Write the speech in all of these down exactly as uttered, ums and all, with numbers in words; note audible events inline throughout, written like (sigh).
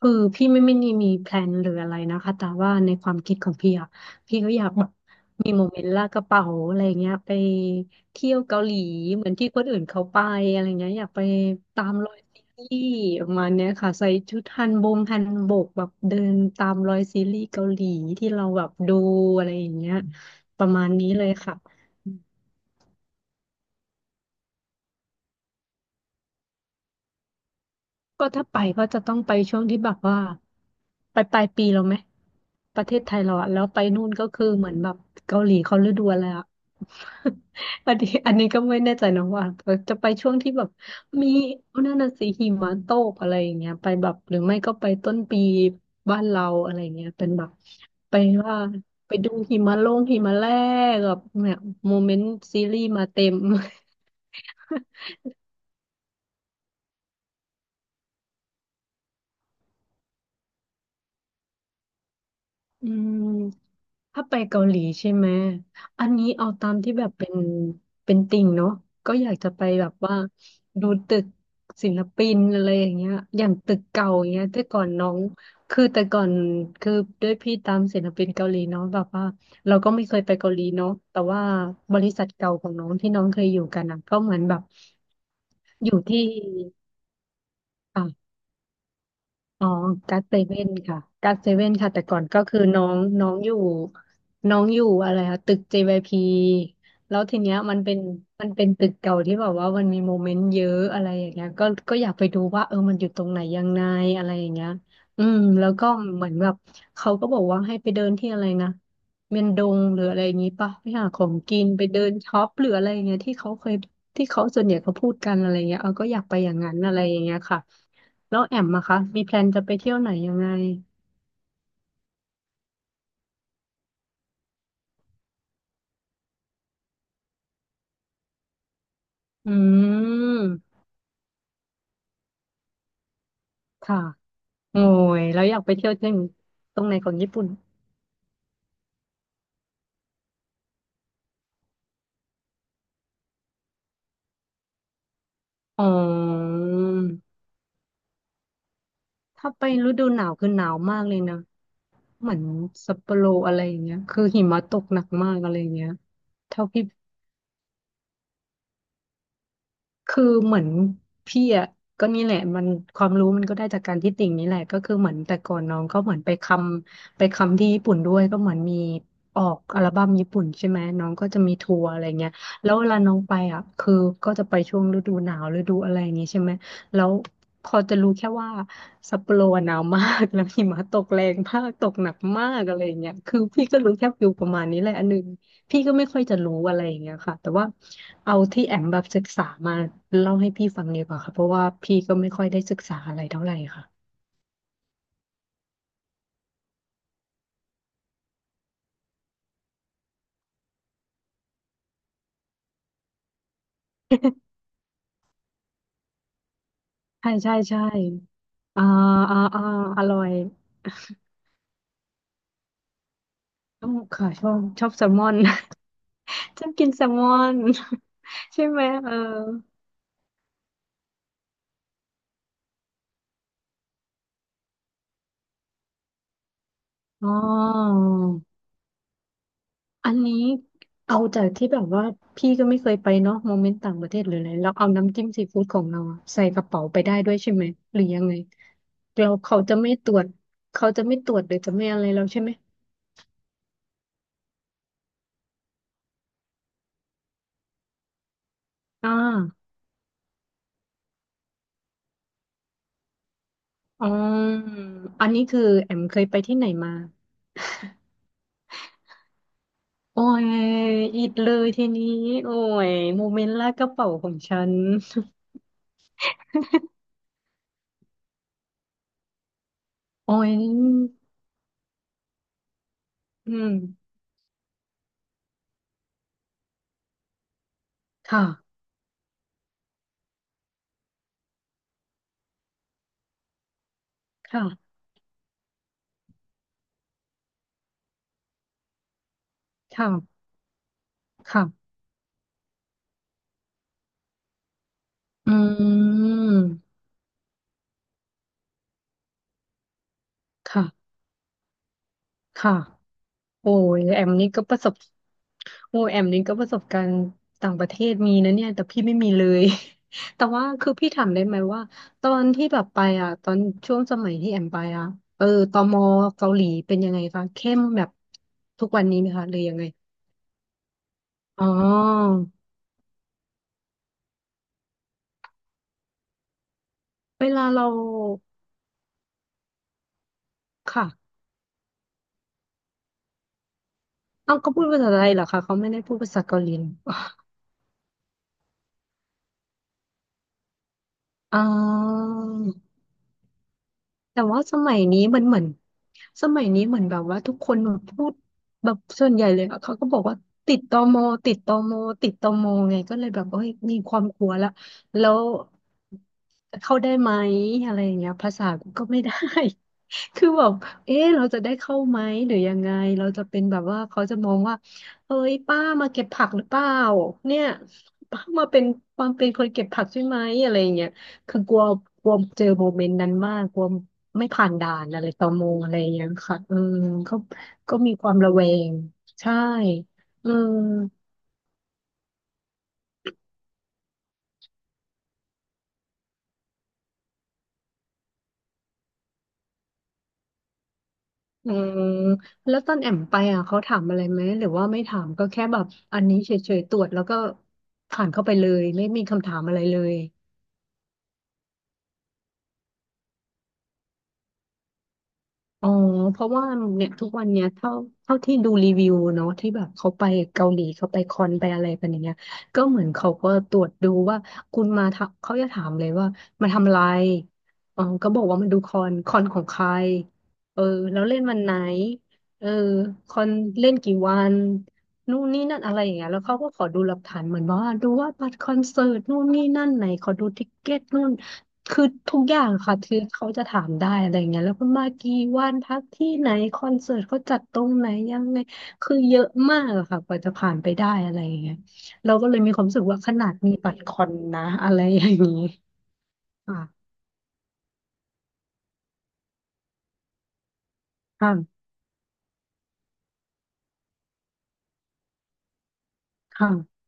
คือพี่ไม่ไม่ไีมีแพลนหรืออะไรนะคะแต่ว่าในความคิดของพี่อะพี่ก็อยากแบบมีโมเมนต์ลากกระเป๋าอะไรเงี้ยไปเที่ยวเกาหลีเหมือนที่คนอื่นเขาไปอะไรเงี้ยอยากไปตามรอยซีรีส์ประมาณเนี้ยค่ะใส่ชุดฮันบงฮันบกแบบเดินตามรอยซีรีส์เกาหลีที่เราแบบดูอะไรอย่างเงี้ยประมาณนี้เลยค่ะ ก็ถ้าไปก็จะต้องไปช่วงที่แบบว่าไปปลายปีเราไหมประเทศไทยเราอะแล้วไปนู่นก็คือเหมือนแบบเกาหลีเขาฤดูอะไรอะ (laughs) อันนี้อันนี้ก็ไม่แน่ใจนะว่าจะไปช่วงที่แบบมีนั่นน่ะสิหิมะตกอะไรอย่างเงี้ยไปแบบหรือไม่ก็ไปต้นปีบ้านเราอะไรอย่างเงี้ยเป็นแบบไปว่าไปดูหิมะลงหิมะแรกแบบเนี่ยโมเมนต์ซีรีส์มาเต็ม (laughs) อืม ถ้าไปเกาหลีใช่ไหม อันนี้เอาตามที่แบบเป็นเป็นติ่งเนาะก็อยากจะไปแบบว่าดูตึกศิลปินอะไรอย่างเงี้ยอย่างตึกเก่าอย่างเงี้ยแต่ก่อนน้องคือแต่ก่อนคือด้วยพี่ตามศิลปินเกาหลีเนาะแบบว่าเราก็ไม่เคยไปเกาหลีเนาะแต่ว่าบริษัทเก่าของน้องที่น้องเคยอยู่กันอ่ะก็เหมือนแบบอยู่ที่ อ๋อกัสเซเว่นค่ะกัสเซเว่นค่ะแต่ก่อนก็คือน้องน้องอยู่น้องอยู่อะไรคะตึก เจ วาย พี แล้วทีเนี้ยมันเป็นมันเป็นตึกเก่าที่แบบว่ามันมีโมเมนต์เยอะอะไรอย่างเงี้ยก็ก็อยากไปดูว่าเออมันอยู่ตรงไหนยังไงอะไรอย่างเงี้ยอืมแล้วก็เหมือนแบบเขาก็บอกว่าให้ไปเดินที่อะไรนะเมียนดงหรืออะไรอย่างงี้ป่ะไปหาของกินไปเดินช็อปหรืออะไรอย่างเงี้ยที่เขาเคยที่เขาส่วนใหญ่เขาพูดกันอะไรอย่างเงี้ยเออก็อยากไปอย่างนั้นอะไรอย่างเงี้ยค่ะ แล้วแอมอะคะ มีแพลนจะไปเที่ยวไหนยังไง อืม ค่ะโอ้ยแล้วอยากไปเที่ยวที่ตรงไหนของญี่ปุ่น อ๋อ ถ้าไปฤดูหนาวคือหนาวมากเลยนะ เหมือนซัปโปโรอะไรอย่างเงี้ย คือหิมะตกหนักมากอะไรอย่างเงี้ยเท่าที่ คือเหมือนพี่อ่ะก็นี่แหละมันความรู้มันก็ได้จากการที่ติ่งนี่แหละก็คือเหมือนแต่ก่อนน้องก็เหมือนไปคำไปคำที่ญี่ปุ่นด้วยก็เหมือนมีออกอัลบั้มญี่ปุ่นใช่ไหมน้องก็จะมีทัวร์อะไรเงี้ยแล้วเวลาน้องไปอ่ะคือก็จะไปช่วงฤดูหนาวฤดูอะไรอย่างนี้ใช่ไหมแล้วพอจะรู้แค่ว่าซัปโปโรอะหนาวมาก (laughs) แล้วหิมะตกแรงมากตกหนักมากอะไรอย่างเงี้ยคือพี่ก็รู้แค่ฟิลประมาณนี้แหละอันหนึ่ง พี่ก็ไม่ค่อยจะรู้อะไรอย่างเงี้ยค่ะแต่ว่าเอาที่แอมแบบศึกษามาเล่าให้พี่ฟังดีกว่าค่ะเพราะว่าพี่ก็ไม่ค่อยได้ศึกษาอะไรเท่าไหร่ค่ะใช่ใช่ใช่อ่าอ่าอ่าอร่อยต้องค่ะชอบชอบแซลมอน (laughs) ชอบกินแซลมอน (laughs) ใช่ไหมเอออ๋ออันนี้เอาจากที่แบบว่าพี่ก็ไม่เคยไปเนาะโมเมนต์ต่างประเทศหรืออะไรเราเอาน้ำจิ้มซีฟู้ดของเราอะใส่กระเป๋าไปได้ด้วยใช่ไหมหรือยังไง แล้วเขาจะไม่ตรวจเขาจะไม่ตรวจหรือจะไม่อะไรแล้วใช่ไหมอ่าอ๋ออันนี้คือแอมเคยไปที่ไหนมาโอ้ยอิดเลยทีนี้โอ้ยโมเมนต์ลากกระเป๋าของฉันโอ้ยอืมค่ะค่ะค่ะค่ะอืมค่ะค่ะ โอ้ยแอมนี่ก็ประสบโอ้ยแอมนี่ก็ประสบการณ์ต่างประเทศมีนะเนี่ยแต่พี่ไม่มีเลย (laughs) แต่ว่าคือพี่ถามได้ไหมว่าตอนที่แบบไปอ่ะตอนช่วงสมัยที่แอมไปอ่ะเออตมเกาหลีเป็นยังไงคะเข้มแบบทุกวันนี้ไหมคะหรือยังไงอ๋อเวลาเราค่ะเอ้าเขาพูดภาษาไทยเหรอคะเขาไม่ได้พูดภาษาเกาหลีเหรออ๋อ แต่ว่าสมัยนี้มันเหมือนสมัยนี้เหมือนแบบว่าทุกคนแบบพูดแบบส่วนใหญ่เลยอะเขาก็บอกว่าติดตมติดตมติดตมไงก็เลยแบบเอ้ยมีความกลัวละแล้วเข้าได้ไหมอะไรอย่างเงี้ยภาษากูก็ไม่ได้ คือแบบเอ๊ะเราจะได้เข้าไหมหรือยังไง เราจะเป็นแบบว่าเขาจะมองว่าเอ้ยป้ามาเก็บผักหรือเปล่าเนี่ยป้ามาเป็นความเป็นคนเก็บผักใช่ไหมอะไรอย่างเงี้ยคือกลัวกลัวเจอโมเมนต์นั้นมาก กลัวไม่ผ่านด่านอะไรต่อมงอะไรอย่างเงี้ยค่ะเออก็ก็มีความระแวงใช่เอออืมแล้วตอนแอมไปอ่ะเขาถามอะไรไหมหรือว่าไม่ถามก็แค่แบบอันนี้เฉยๆตรวจแล้วก็ผ่านเข้าไปเลยไม่มีคำถามอะไรเลย อ๋อเพราะว่าเนี่ยทุกวันเนี้ยเท่าเท่าที่ดูรีวิวเนาะที่แบบเขาไปเกาหลีเขาไปคอนไปอะไรกันอย่างเงี้ยก็เหมือนเขาก็ตรวจดูว่าคุณมาทำเขาจะถามเลยว่ามาทำอะไรอ๋อก็บอกว่ามาดูคอนคอนของใครเออแล้วเล่นวันไหนเออคอนเล่นกี่วันนู่นนี่นั่นอะไรอย่างเงี้ยแล้วเขาก็ขอดูหลักฐานเหมือนว่าดูว่าบัตรคอนเสิร์ตนู่นนี่นั่นไหนขอดูติกเก็ตนู่น คือทุกอย่างค่ะคือเขาจะถามได้อะไรเงี้ยแล้วคุณมากี่วันพักที่ไหนคอนเสิร์ตเขาจัดตรงไหนยังไงคือเยอะมากอะค่ะกว่าจะผ่านไปได้อะไรอย่างเงี้ยเราก็เลยมีความรู้สึกว่าขนาดมีบัตรคอนนะอะไรอย่างงี้ค่ะค่ะค่ะ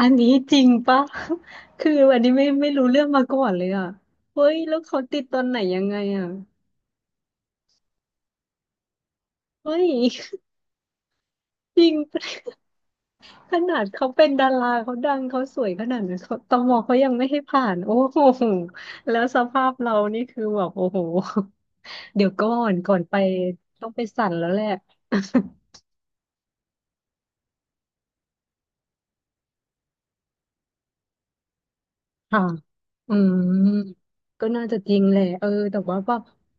อันนี้จริงปะ (laughs) คืออันนี้ไม่ไม่รู้เรื่องมาก่อนเลยอะเฮ้ยแล้วเขาติดตอนไหนยังไงอะเฮ้ย (laughs) จริง ขนาดเขาเป็นดาราเขาดังเขาสวยขนาดนั้นเขาตมเขายังไม่ให้ผ่านโอ้โหแล้วสภาพเรานี่คือแบบโอ้โห (laughs) เดี๋ยวก่อนก่อนไปต้องไปสั่นแล้วแหละ ค่ะอืม ก็น่าจะจริงแหละเออแต่ว่าว่า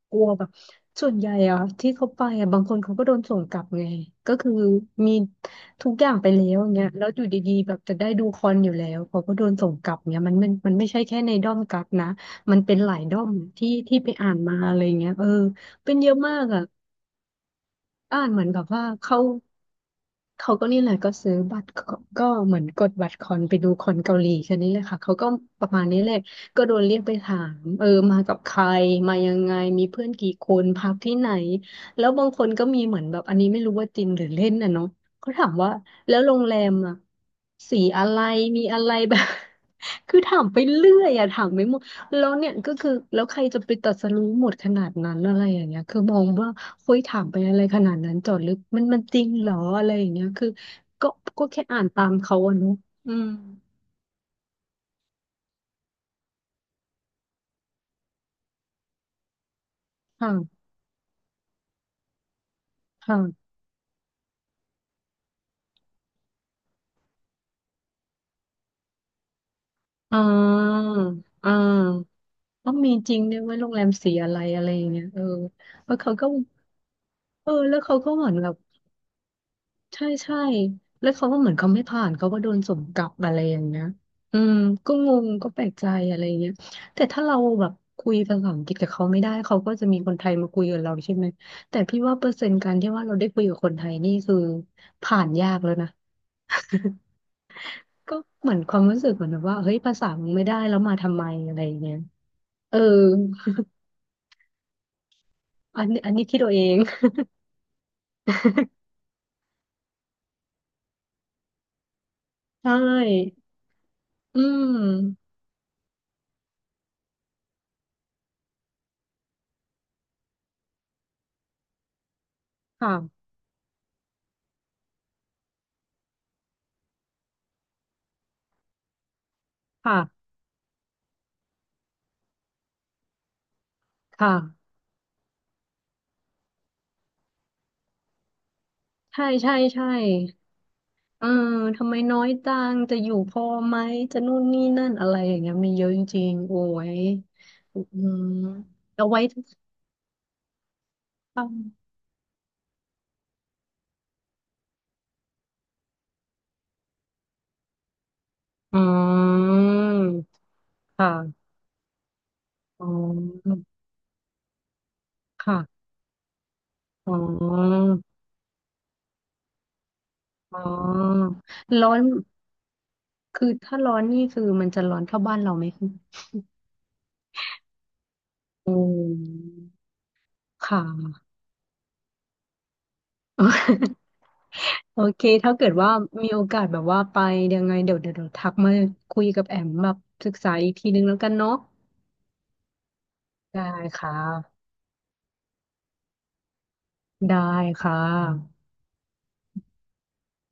กลัวแบบส่วนใหญ่อะที่เขาไปอะบางคนเขาก็โดนส่งกลับไง ก็คือมีทุกอย่างไปแล้วอย่างเงี้ยแล้วอยู่ดีๆแบบจะได้ดูคอนอยู่แล้วเขาก็โดนส่งกลับเงี้ยมันมันมันไม่ใช่แค่ในด้อมกักนะมันเป็นหลายด้อมที่ที่ไปอ่านมาอะไรเงี้ยเออเป็นเยอะมากอะอ่านเหมือนแบบว่าเขา เขาก็นี่แหละก็ซื้อบัตรก็ก็เหมือนกดบัตรคอนไปดูคอนเกาหลีแค่นี้เลยค่ะเขาก็ประมาณนี้แลยก็โดนเรียกไปถามเออมากับใครมายังไงมีเพื่อนกี่คนพักที่ไหนแล้วบางคนก็มีเหมือนแบบอันนี้ไม่รู้ว่าจริงหรือเล่นนะเนาะเขาถามว่าแล้วโรงแรมอะสีอะไรมีอะไรแบบ (laughs) คือถามไปเรื่อยอะถามไม่หมดแล้วเนี่ยก็คือแล้วใครจะไปตรัสรู้หมดขนาดนั้นอะไรอย่างเงี้ยคือมองว่า คุยถามไปอะไรขนาดนั้นจอดลึกมันมันจริงเหรออะไรอย่างเงี้ยคือก็ก็แค่อ่านตามเขาอะเนอะอืมค่ะค่ะอ่าอ่าว่ามีจริงด้วยว่าโรงแรมสีอะไรอะไรอย่างเงี้ยเออแล้วเขาก็เออแล้วเขาก็เหมือนแบบ ใช่ใช่แล้วเขาก็เหมือนเขาไม่ผ่านเขาก็โดนส่งกลับอะไรอย่างเงี้ยอืมก็งงก็แปลกใจอะไรเงี้ยแต่ถ้าเราแบบคุยภาษาอังกฤษกับเขาไม่ได้เขาก็จะมีคนไทยมาคุยกับเราใช่ไหมแต่พี่ว่าเปอร์เซ็นต์การที่ว่าเราได้คุยกับคนไทยนี่คือผ่านยากแล้วนะก็เหมือนความรู้สึกเหมือนแบบว่าเฮ้ยภาษามึงไม่ได้แล้วมาทำไมอะไรอย่างเงี้ยเอออันนี้อันนี้คิดเอาเอง (laughs) ใช่อืมค่ะค่ะค่ะใช่ใช่ใช่ เออทำไมน้อยจังจะอยู่พอไหมจะนู่นนี่นั่นอะไรอย่างเงี้ยมีเยอะจริงๆโอ้ยอืมเอาไว้ทุกครั้งอืมค่ะอ๋อค่ะอ๋ออ๋อร้อนคือถ้าร้อนนี่คือมันจะร้อนเท่าบ้านเราไหมคะโอค่ะ (laughs) โอเคถ้าเกิดว่ามีโอกาสแบบว่าไปยังไงเดี๋ยวเดี๋ยวเดี๋ยวทักมาคุยกับแอมแบบศึกษาอีกทีนึงแล้วกันเนาะ ได้ค่ะ ได้ค่ะ